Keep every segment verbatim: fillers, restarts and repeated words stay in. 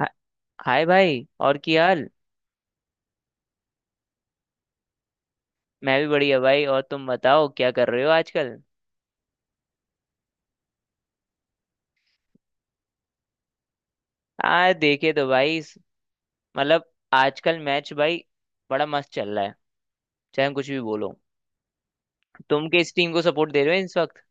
हा- हाय भाई, और की हाल। मैं भी बढ़िया भाई, और तुम बताओ क्या कर रहे हो आजकल। आ देखे तो भाई इस- मतलब आजकल मैच भाई बड़ा मस्त चल रहा है, चाहे हम कुछ भी बोलो। तुम किस टीम को सपोर्ट दे रहे हो इस वक्त।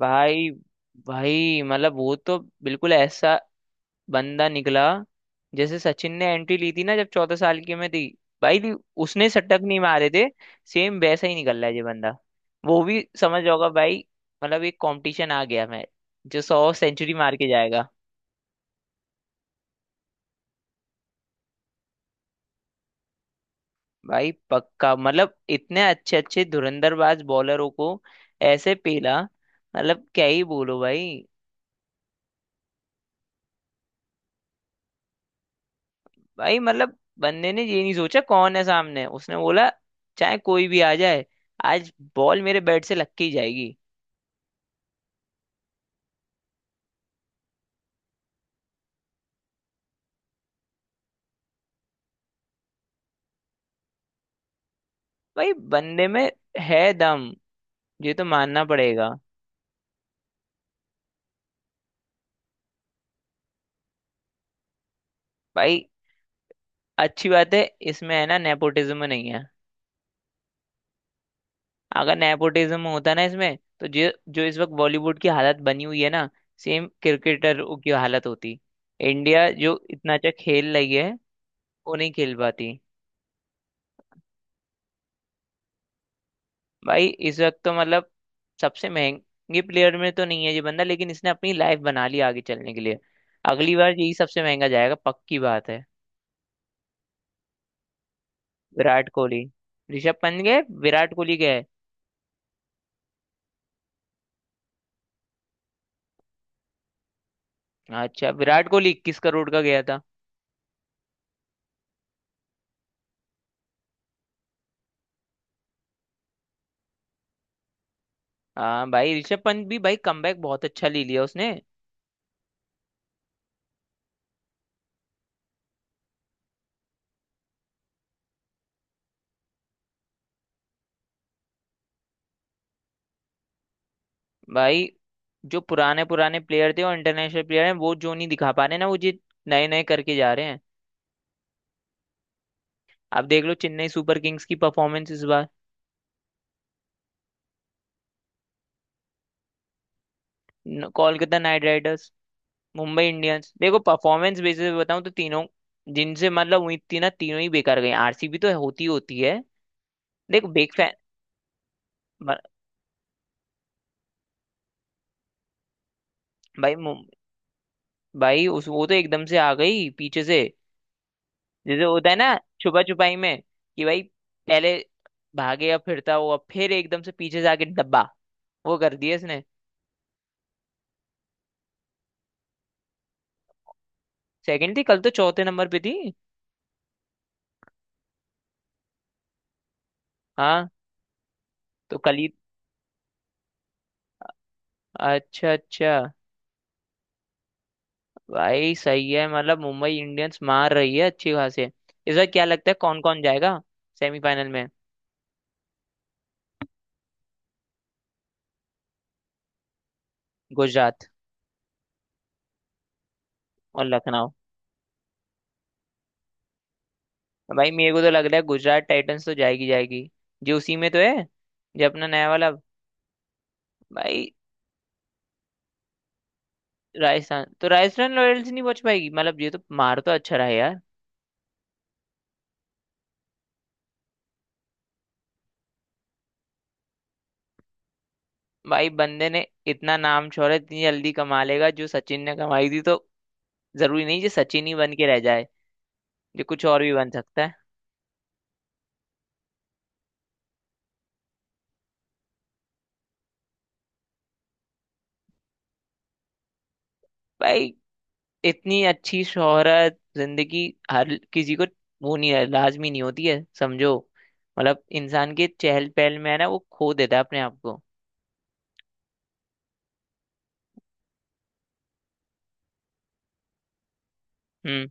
भाई भाई, मतलब वो तो बिल्कुल ऐसा बंदा निकला, जैसे सचिन ने एंट्री ली थी ना, जब चौदह साल की उम्र थी। भाई दी- उसने शतक नहीं मारे थे। सेम वैसा ही निकल रहा है ये बंदा, वो भी समझ जाओगा भाई। मतलब एक कंपटीशन आ गया मैं, जो सौ सेंचुरी मार के जाएगा। भाई पक्का, मतलब इतने अच्छे अच्छे धुरंधरबाज बॉलरों को ऐसे पेला, मतलब क्या ही बोलो भाई। भाई मतलब बंदे ने ये नहीं सोचा कौन है सामने, उसने बोला चाहे कोई भी आ जाए, आज बॉल मेरे बैट से लग के ही जाएगी। भाई बंदे में है दम, ये तो मानना पड़ेगा। भाई अच्छी बात है, इसमें है ना, नेपोटिज्म नहीं है। अगर नेपोटिज्म होता ना इसमें, तो जो जो इस वक्त बॉलीवुड की हालत बनी हुई है ना, सेम क्रिकेटर की हालत होती। इंडिया जो इतना अच्छा खेल रही है, वो नहीं खेल पाती। भाई इस वक्त तो मतलब सबसे महंगे प्लेयर में तो नहीं है ये बंदा, लेकिन इसने अपनी लाइफ बना ली आगे चलने के लिए। अगली बार यही सबसे महंगा जाएगा, पक्की बात है। विराट कोहली, ऋषभ पंत गए। विराट कोहली गए। अच्छा विराट कोहली इक्कीस करोड़ का गया था। हाँ भाई, ऋषभ पंत भी भाई कमबैक बहुत अच्छा ले लिया उसने। भाई जो पुराने पुराने प्लेयर थे और इंटरनेशनल प्लेयर हैं, वो जो नहीं दिखा पा रहे ना, वो जी नए नए करके जा रहे हैं। आप देख लो चेन्नई सुपर किंग्स की परफॉर्मेंस इस बार। न- Kolkata Knight Riders, Mumbai Indians, देखो परफॉर्मेंस बेसिस पे बताऊं तो तीनों, जिनसे मतलब उम्मीद थी ना, तीनों ही बेकार गए। आरसीबी तो होती होती है, देखो बिग फैन। भाई मुं- भाई उस वो तो एकदम से आ गई पीछे से। जैसे होता है ना छुपा छुपाई में कि भाई पहले भागेगा फिरता हुआ, फिर एकदम से पीछे से आके डब्बा, वो कर दिया इसने। सेकंड थी कल, तो चौथे नंबर पे थी। हाँ। तो कल ही। अच्छा अच्छा। भाई सही है, मतलब मुंबई इंडियंस मार रही है अच्छी खासे इस बार। क्या लगता है कौन कौन जाएगा सेमीफाइनल में? गुजरात। और लखनऊ। भाई मेरे को तो लग रहा है गुजरात टाइटंस तो जाएगी जाएगी, जो उसी में तो है, जो अपना नया वाला। भाई राजस्थान तो राजस्थान रॉयल्स नहीं पहुंच पाएगी, मतलब ये तो मार तो अच्छा रहा है यार। भाई बंदे ने इतना नाम शोहरत इतनी जल्दी कमा लेगा, जो सचिन ने कमाई थी, तो जरूरी नहीं जो सचिन ही बन के रह जाए, जो कुछ और भी बन सकता है। भाई इतनी अच्छी शोहरत जिंदगी हर किसी को वो नहीं है, लाजमी नहीं होती है, समझो। मतलब इंसान के चहल पहल में है ना, वो खो देता है अपने आप को। हम्म।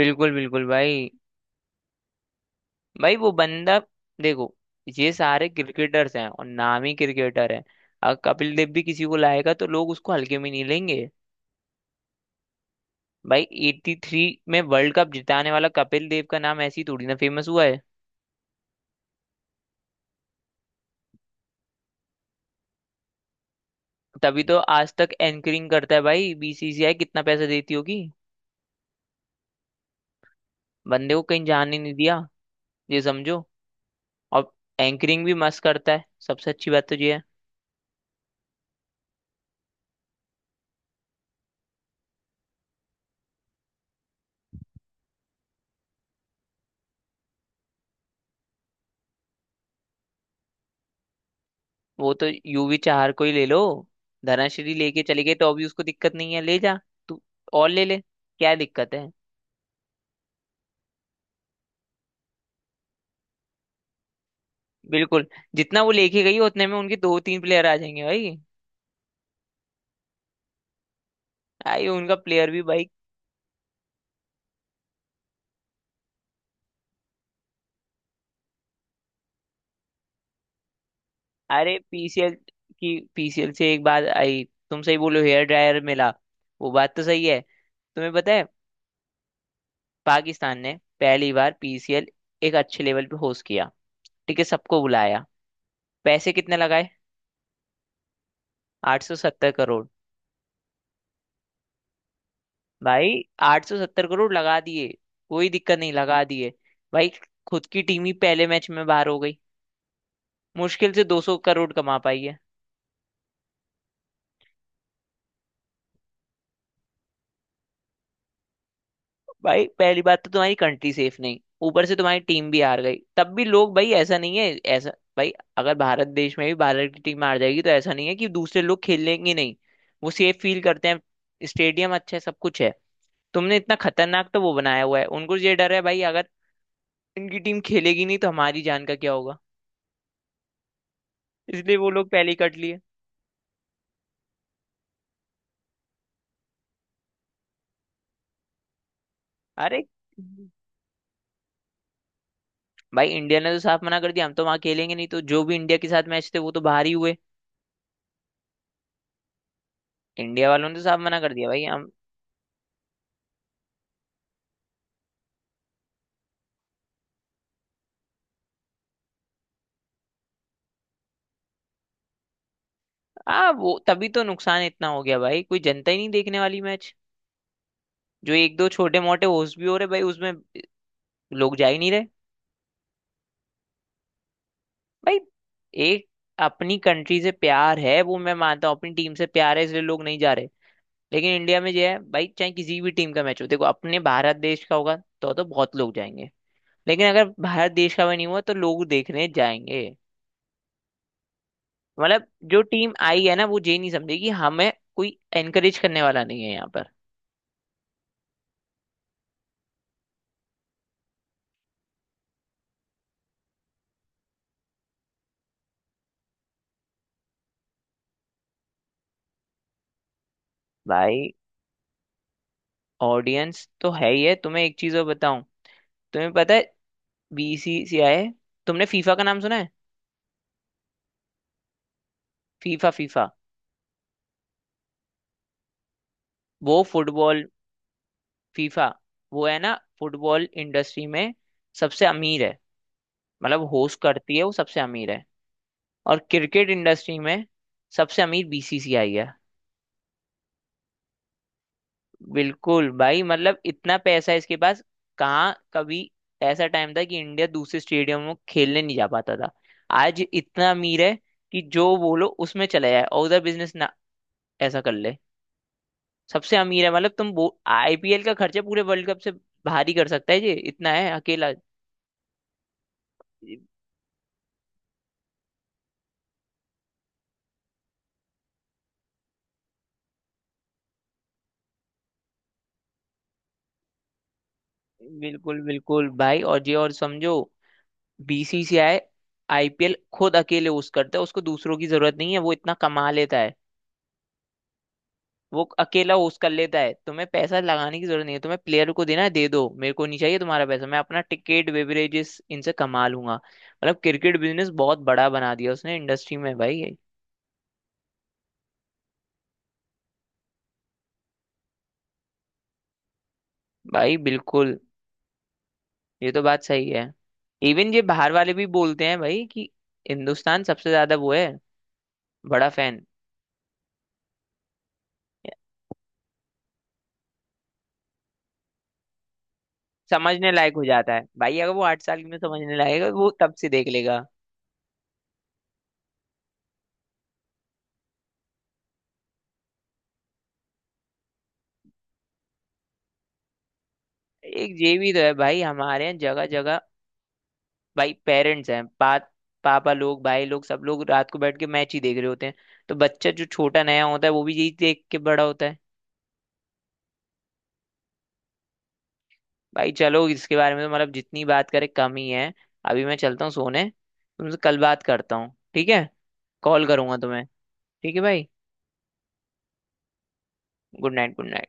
बिल्कुल बिल्कुल भाई। भाई वो बंदा, देखो, ये सारे क्रिकेटर्स हैं और नामी क्रिकेटर हैं। अगर कपिल देव भी किसी को लाएगा तो लोग उसको हल्के में नहीं लेंगे। भाई तिरासी में वर्ल्ड कप जिताने वाला कपिल देव का नाम ऐसी थोड़ी ना फेमस हुआ है। तभी तो आज तक एंकरिंग करता है भाई, बीसीसीआई कितना पैसा देती होगी। बंदे को कहीं जाने नहीं दिया, ये समझो। और एंकरिंग भी मस्त करता है, सबसे अच्छी बात तो ये है। वो तो यूवी चार को ही ले लो, धनाश्री लेके चले गए, तो अभी उसको दिक्कत नहीं है, ले जा तू और ले ले, क्या दिक्कत है। बिल्कुल, जितना वो लेके गई उतने में उनके दो तीन प्लेयर आ जाएंगे भाई। आई उनका प्लेयर भी भाई। अरे पीसीएल की, पीसीएल से एक बात आई, तुम सही बोलो हेयर ड्रायर मिला, वो बात तो सही है। तुम्हें पता है, पाकिस्तान ने पहली बार पीसीएल एक अच्छे लेवल पे होस्ट किया, ठीक है, सबको बुलाया, पैसे कितने लगाए, आठ सौ सत्तर करोड़। भाई आठ सौ सत्तर करोड़ लगा दिए, कोई दिक्कत नहीं लगा दिए। भाई खुद की टीम ही पहले मैच में बाहर हो गई, मुश्किल से दो सौ करोड़ कमा पाई है। भाई पहली बात तो तुम्हारी कंट्री सेफ नहीं, ऊपर से तुम्हारी टीम भी हार गई, तब भी लोग, भाई ऐसा नहीं है ऐसा। भाई अगर भारत देश में भी भारत की टीम हार जाएगी, तो ऐसा नहीं है कि दूसरे लोग खेलेंगे नहीं, वो सेफ फील करते हैं, स्टेडियम अच्छा है, सब कुछ है। तुमने इतना खतरनाक तो वो बनाया हुआ है, उनको ये डर है भाई, अगर इनकी टीम खेलेगी नहीं तो हमारी जान का क्या होगा। इसलिए वो लोग पहले ही कट लिए। अरे भाई, इंडिया ने तो साफ मना कर दिया, हम तो वहां खेलेंगे नहीं, तो जो भी इंडिया के साथ मैच थे वो तो बाहर ही हुए। इंडिया वालों ने तो साफ मना कर दिया, भाई हम। आ वो तभी तो नुकसान इतना हो गया भाई, कोई जनता ही नहीं देखने वाली मैच, जो एक दो छोटे मोटे होस्ट भी हो रहे भाई उसमें लोग जा ही नहीं रहे। भाई एक, अपनी कंट्री से प्यार है वो मैं मानता हूँ, अपनी टीम से प्यार है, इसलिए लोग नहीं जा रहे। लेकिन इंडिया में जो है भाई, चाहे किसी भी टीम का मैच हो, देखो अपने भारत देश का होगा तो तो बहुत लोग जाएंगे, लेकिन अगर भारत देश का भी नहीं हुआ तो लोग देखने जाएंगे। मतलब जो टीम आई है ना, वो ये नहीं समझेगी हमें कोई एनकरेज करने वाला नहीं है यहाँ पर। भाई ऑडियंस तो है ही है, तुम्हें एक चीज और बताऊं, तुम्हें पता है बीसीसीआई, तुमने फीफा का नाम सुना है। फीफा फीफा, वो फुटबॉल, फीफा, वो है ना फुटबॉल इंडस्ट्री में सबसे अमीर है, मतलब होस्ट करती है वो सबसे अमीर है, और क्रिकेट इंडस्ट्री में सबसे अमीर बीसीसीआई है। बिल्कुल भाई, मतलब इतना पैसा है इसके पास। कहाँ कभी ऐसा टाइम था कि इंडिया दूसरे स्टेडियम में खेलने नहीं जा पाता था, आज इतना अमीर है कि जो बोलो उसमें चला जाए और उधर बिजनेस ना ऐसा कर ले। सबसे अमीर है, मतलब तुम वो आईपीएल का खर्चा पूरे वर्ल्ड कप से भारी कर सकता है, ये इतना है अकेला। बिल्कुल बिल्कुल भाई, और ये और समझो, बीसीसीआई आईपीएल खुद अकेले उस करता है, उसको दूसरों की जरूरत नहीं है, वो इतना कमा लेता है। वो अकेला होस्ट कर लेता है, तुम्हें पैसा लगाने की जरूरत नहीं है, तुम्हें प्लेयर को देना है दे दो, मेरे को नहीं चाहिए तुम्हारा पैसा, मैं अपना टिकट बेवरेजेस इनसे कमा लूंगा, मतलब क्रिकेट बिजनेस बहुत बड़ा बना दिया उसने इंडस्ट्री में भाई। भाई बिल्कुल, ये तो बात सही है। इवन ये बाहर वाले भी बोलते हैं भाई कि हिंदुस्तान सबसे ज्यादा वो है, बड़ा फैन। समझने लायक हो जाता है भाई, अगर वो आठ साल की में समझने लायक है वो तब से देख लेगा। एक ये भी तो है भाई, हमारे यहाँ जगह जगह भाई पेरेंट्स हैं, पा, पापा लोग भाई लोग सब लोग रात को बैठ के मैच ही देख रहे होते हैं, तो बच्चा जो छोटा नया होता है वो भी यही देख के बड़ा होता है। भाई चलो इसके बारे में तो मतलब जितनी बात करें कम ही है, अभी मैं चलता हूँ सोने, तुमसे कल बात करता हूँ ठीक है, कॉल करूंगा तुम्हें, ठीक है भाई, गुड नाइट, गुड नाइट।